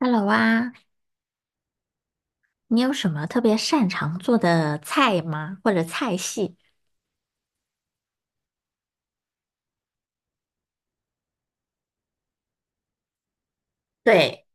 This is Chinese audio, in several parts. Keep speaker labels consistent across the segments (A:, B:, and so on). A: Hello 啊，你有什么特别擅长做的菜吗？或者菜系？对。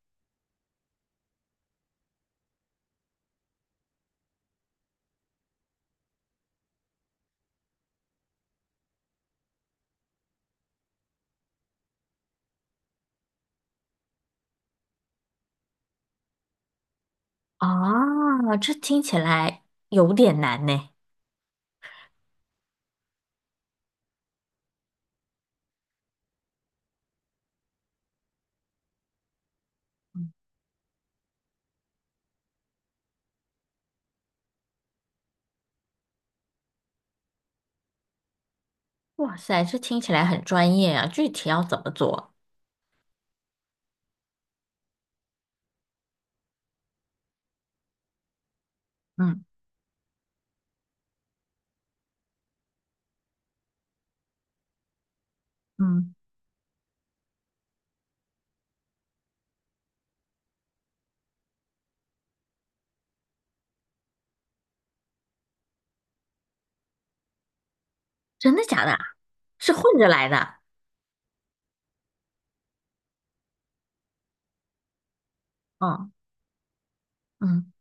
A: 哦，这听起来有点难呢。哇塞，这听起来很专业啊，具体要怎么做？嗯嗯。真的假的啊？是混着来的？嗯。嗯，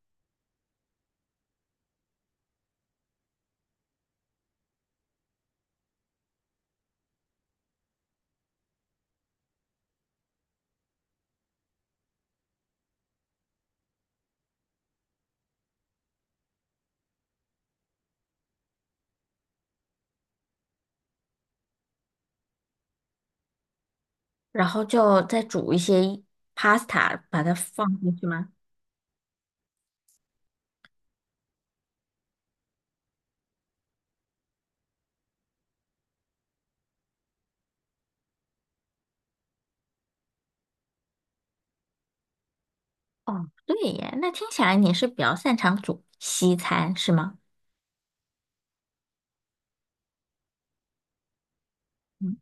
A: 然后就再煮一些 pasta,把它放进去吗？哦，对耶，那听起来你是比较擅长煮西餐，是吗？嗯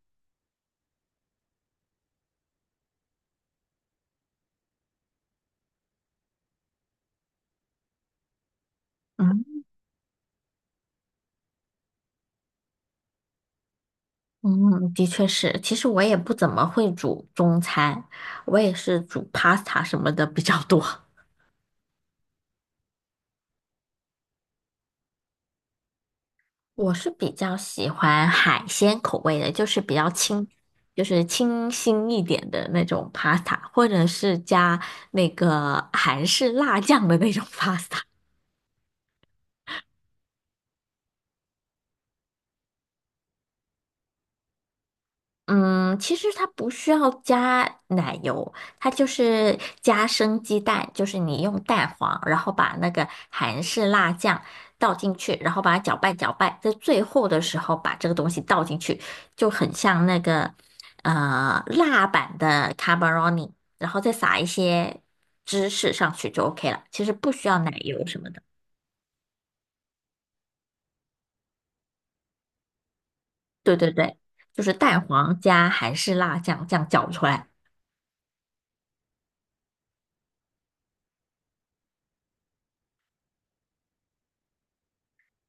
A: 嗯嗯，的确是。其实我也不怎么会煮中餐，我也是煮 pasta 什么的比较多。我是比较喜欢海鲜口味的，就是比较清，就是清新一点的那种 pasta,或者是加那个韩式辣酱的那种 pasta。嗯，其实它不需要加奶油，它就是加生鸡蛋，就是你用蛋黄，然后把那个韩式辣酱倒进去，然后把它搅拌搅拌，在最后的时候把这个东西倒进去，就很像那个辣版的 carbonara,然后再撒一些芝士上去就 OK 了。其实不需要奶油什么的。对对对，就是蛋黄加韩式辣酱这样搅出来。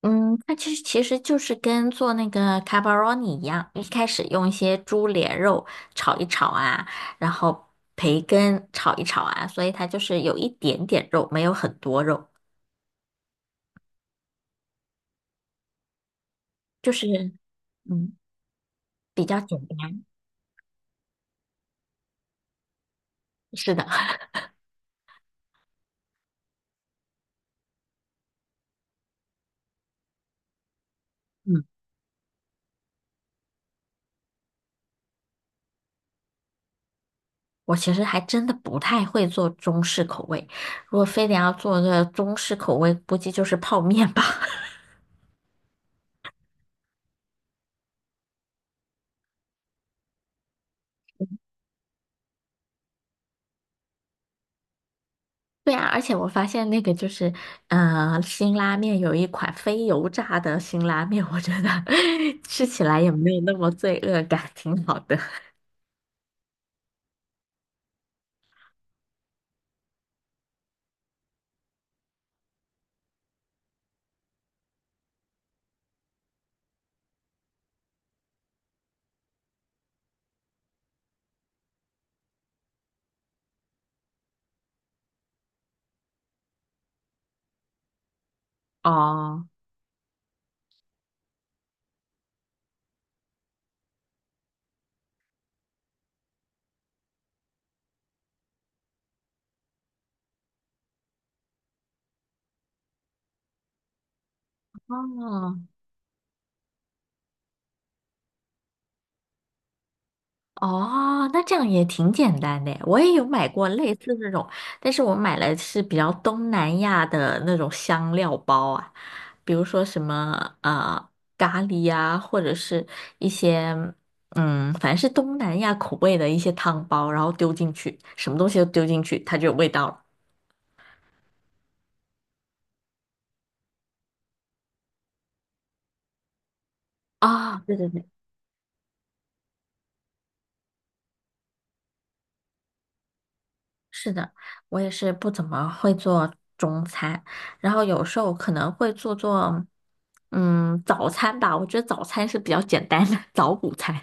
A: 嗯，它其实就是跟做那个 c a r b o n a 一样，一开始用一些猪脸肉炒一炒啊，然后培根炒一炒啊，所以它就是有一点点肉，没有很多肉，就是嗯比较简单。是的。嗯，我其实还真的不太会做中式口味，如果非得要做个中式口味，估计就是泡面吧。对啊，而且我发现那个就是，辛拉面有一款非油炸的辛拉面，我觉得 吃起来也没有那么罪恶感，挺好的。哦。哦。哦，那这样也挺简单的耶，我也有买过类似这种，但是我买来是比较东南亚的那种香料包啊，比如说什么咖喱啊，或者是一些嗯，反正是东南亚口味的一些汤包，然后丢进去，什么东西都丢进去，它就有味道了。啊、对对对。是的，我也是不怎么会做中餐，然后有时候可能会做做，嗯，早餐吧。我觉得早餐是比较简单的，早午餐。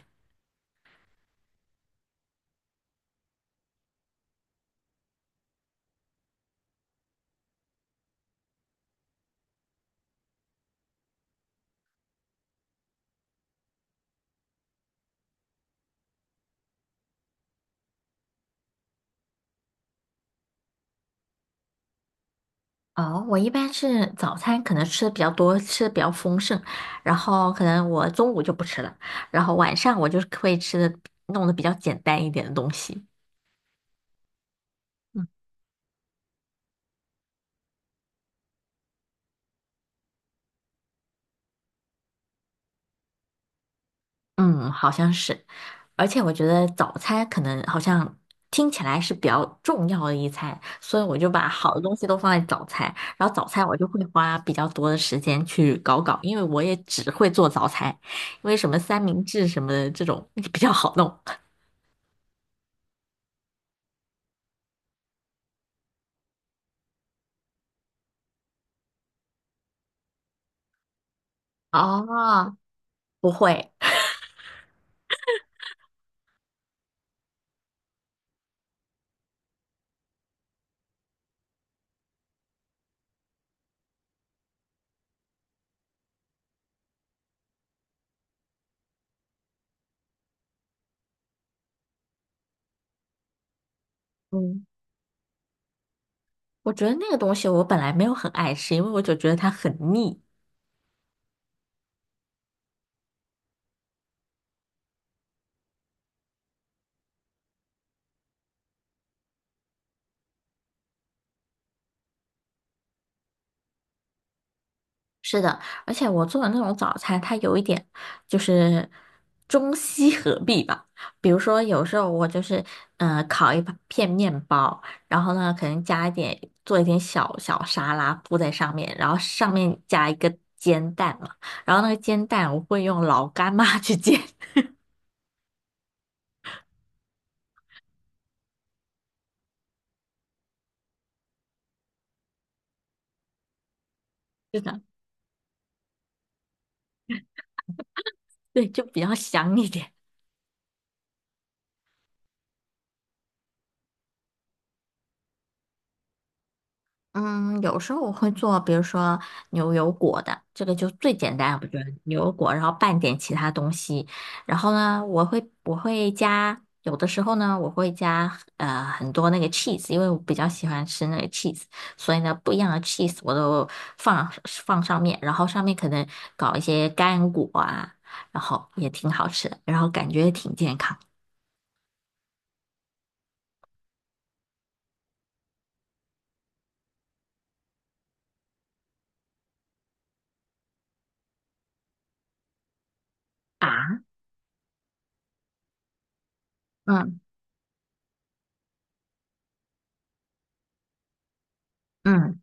A: 哦，我一般是早餐可能吃的比较多，吃的比较丰盛，然后可能我中午就不吃了，然后晚上我就是会吃的弄得比较简单一点的东西。嗯。嗯，好像是。而且我觉得早餐可能好像听起来是比较重要的一餐，所以我就把好的东西都放在早餐，然后早餐我就会花比较多的时间去搞搞，因为我也只会做早餐，因为什么三明治什么的这种比较好弄。哦，不会。嗯，我觉得那个东西我本来没有很爱吃，因为我就觉得它很腻。是的，而且我做的那种早餐，它有一点就是中西合璧吧。比如说，有时候我就是嗯烤一片面包，然后呢，可能加一点做一点小小沙拉铺在上面，然后上面加一个煎蛋嘛。然后那个煎蛋我会用老干妈去煎。是的。对，就比较香一点。嗯，有时候我会做，比如说牛油果的，这个就最简单，我觉得牛油果，然后拌点其他东西，然后呢，我会加，有的时候呢，我会加很多那个 cheese,因为我比较喜欢吃那个 cheese,所以呢，不一样的 cheese 我都放放上面，然后上面可能搞一些干果啊，然后也挺好吃的，然后感觉也挺健康啊。嗯嗯，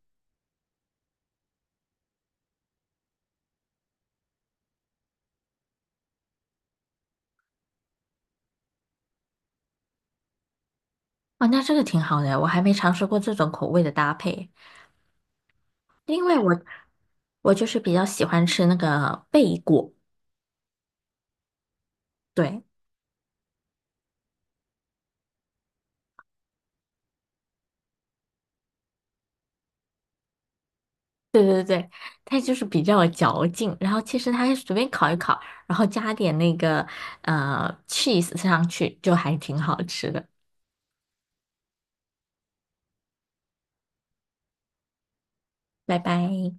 A: 哦，那这个挺好的，我还没尝试过这种口味的搭配。因为我就是比较喜欢吃那个贝果，对对对对，它就是比较有嚼劲。然后其实它随便烤一烤，然后加点那个cheese 上去，就还挺好吃的。拜拜。